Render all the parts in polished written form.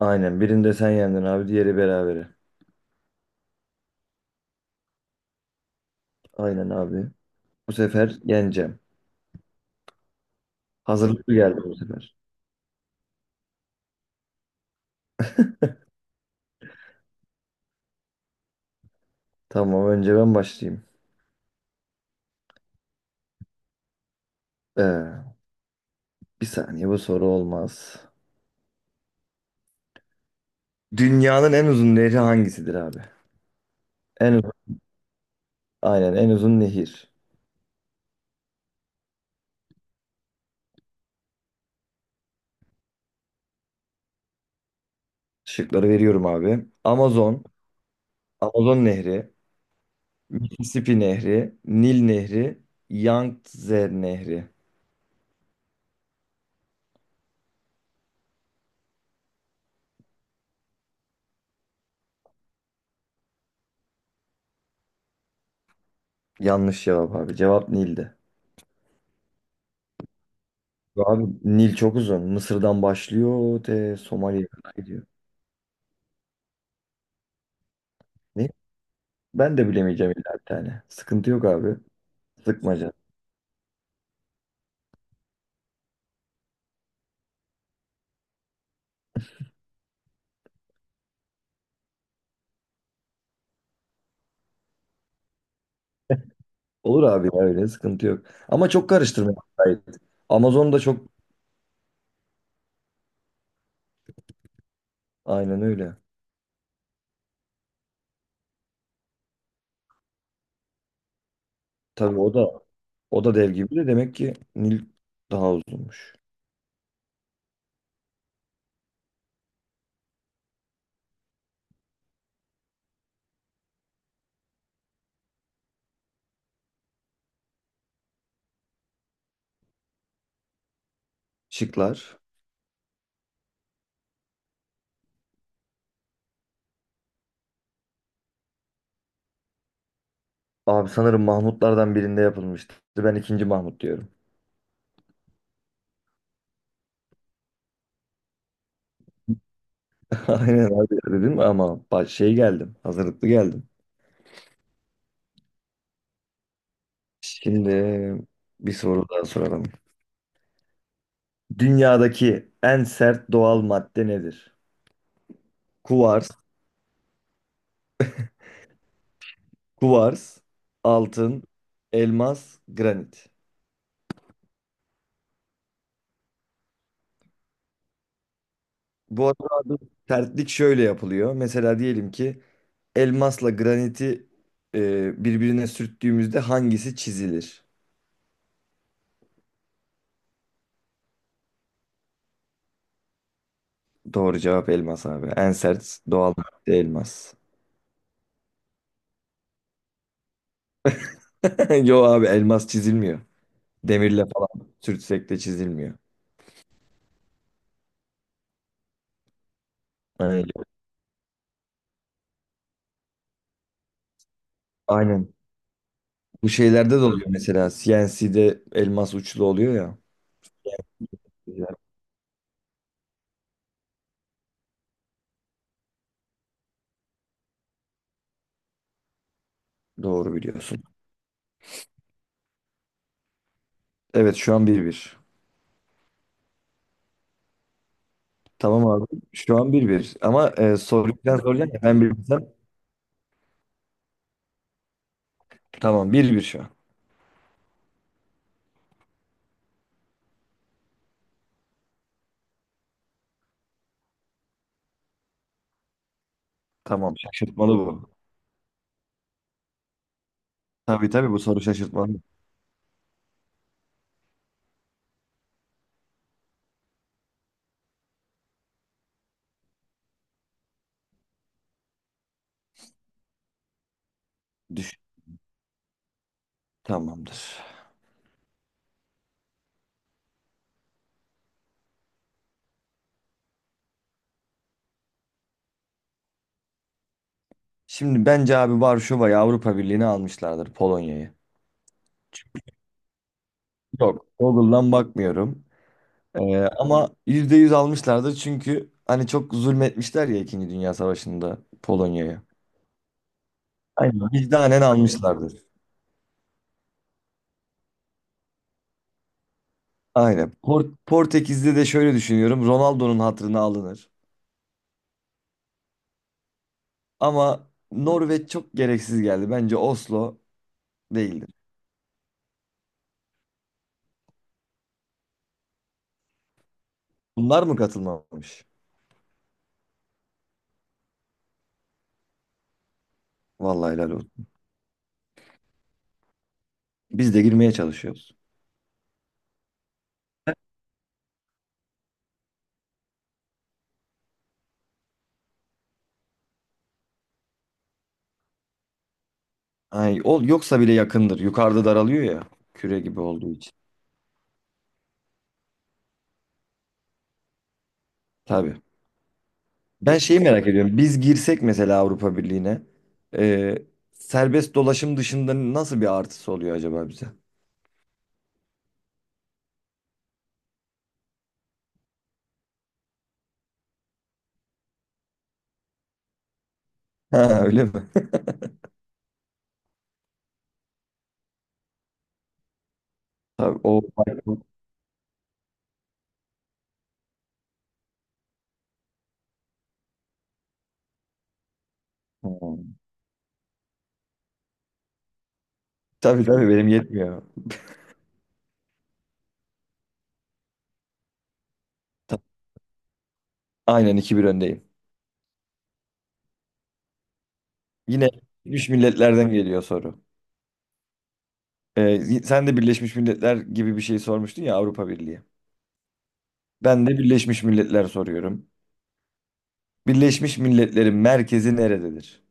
Aynen. Birinde sen yendin abi. Diğeri berabere. Aynen abi. Bu sefer yeneceğim. Hazırlıklı geldim bu sefer. Tamam önce ben başlayayım. Ee, bir saniye bu soru olmaz. Dünyanın en uzun nehri hangisidir abi? En uzun, aynen en uzun nehir. Şıkları veriyorum abi. Amazon, Amazon Nehri, Mississippi Nehri, Nil Nehri, Yangtze Nehri. Yanlış cevap abi. Cevap Nil'di. Abi Nil çok uzun. Mısır'dan başlıyor te Somali'ye kadar gidiyor. Ne? Ben de bilemeyeceğim illa bir tane. Sıkıntı yok abi. Sıkma canım. Olur abi ya öyle sıkıntı yok. Ama çok karıştırma. Gayet. Amazon da çok aynen öyle. Tabii o da dev gibi de demek ki Nil daha uzunmuş. Şıklar. Abi sanırım Mahmutlardan birinde yapılmıştı. Ben ikinci Mahmut diyorum. Aynen abi dedim ama bak şey geldim. Hazırlıklı geldim. Şimdi bir soru daha soralım. Dünyadaki en sert doğal madde nedir? Kuvars, Kuvars, altın, elmas, granit. Bu arada abi sertlik şöyle yapılıyor. Mesela diyelim ki elmasla graniti birbirine sürttüğümüzde hangisi çizilir? Doğru cevap elmas abi. En sert doğal madde elmas. Yo abi elmas çizilmiyor. Demirle falan sürtsek de çizilmiyor. Aynen. Aynen. Bu şeylerde de oluyor mesela. CNC'de elmas uçlu oluyor ya. Güzel. Doğru biliyorsun. Evet şu an 1-1. Tamam abi. Şu an 1-1. Ama soruyu biraz zorlayan ya. Ben bilsem tamam 1-1 şu an. Tamam şaşırtmalı bu. Tabii tabii bu soru şaşırtmalı. Düş. Tamamdır. Şimdi bence abi Varşova'yı Avrupa Birliği'ne almışlardır Polonya'yı. Yok. Google'dan bakmıyorum. E, ama %100 almışlardır çünkü hani çok zulmetmişler ya İkinci Dünya Savaşı'nda Polonya'ya. Aynen. Vicdanen almışlardır. Aynen. Portekiz'de de şöyle düşünüyorum. Ronaldo'nun hatırına alınır. Ama Norveç çok gereksiz geldi. Bence Oslo değildi. Bunlar mı katılmamış? Vallahi helal olsun. Biz de girmeye çalışıyoruz. Ay, ol, yoksa bile yakındır. Yukarıda daralıyor ya. Küre gibi olduğu için. Tabii. Ben şeyi merak ediyorum. Biz girsek mesela Avrupa Birliği'ne e, serbest dolaşım dışında nasıl bir artısı oluyor acaba bize? Ha, öyle mi? Tabii, o... Ha. Tabii tabii benim yetmiyor. Ta- Aynen iki bir öndeyim. Yine Birleşmiş Milletler'den geliyor soru. Sen de Birleşmiş Milletler gibi bir şey sormuştun ya Avrupa Birliği. Ben de Birleşmiş Milletler soruyorum. Birleşmiş Milletler'in merkezi nerededir?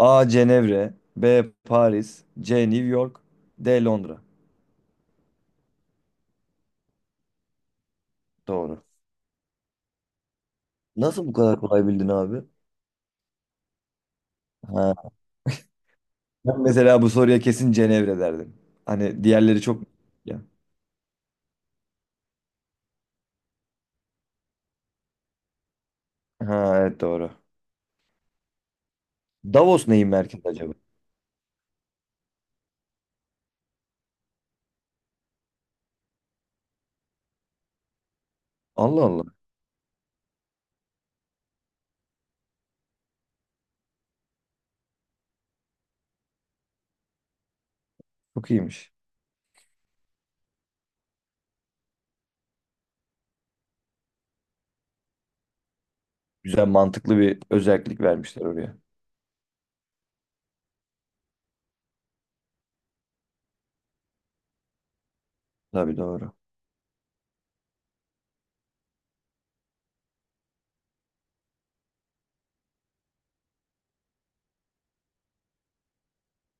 A. Cenevre B. Paris C. New York D. Londra Doğru. Nasıl bu kadar kolay bildin abi? Ha. Ben mesela bu soruya kesin Cenevre derdim. Hani diğerleri çok... Ya. Ha evet doğru. Davos neyin merkezi acaba? Allah Allah. Çok iyiymiş. Güzel mantıklı bir özellik vermişler oraya. Tabii doğru.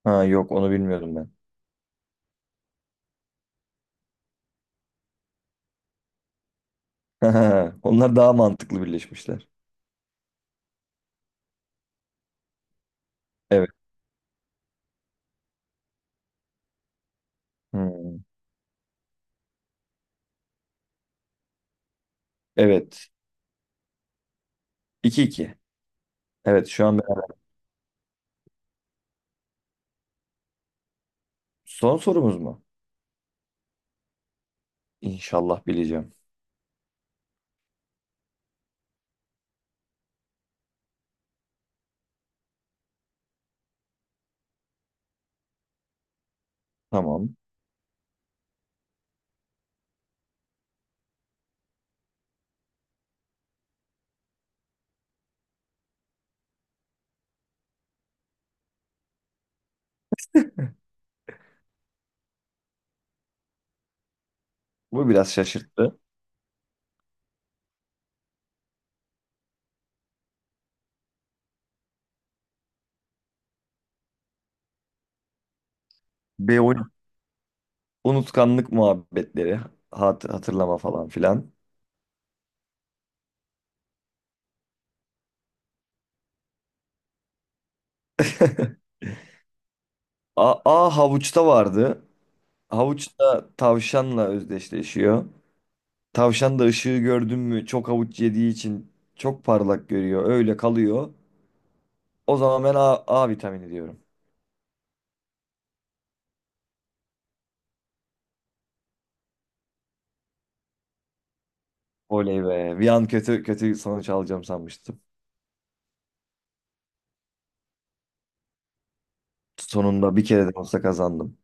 Ha yok onu bilmiyordum ben. Onlar daha mantıklı birleşmişler. Evet. Hmm. Evet. 2 iki. Evet şu an ben... Son sorumuz mu? İnşallah bileceğim. Tamam. Bu biraz şaşırttı. B12. Unutkanlık muhabbetleri. Hatırlama falan filan. A havuçta vardı. Havuç da tavşanla özdeşleşiyor. Tavşan da ışığı gördün mü çok havuç yediği için çok parlak görüyor. Öyle kalıyor. O zaman ben A vitamini diyorum. Oley be. Bir an kötü kötü sonuç alacağım sanmıştım. Sonunda bir kere de olsa kazandım.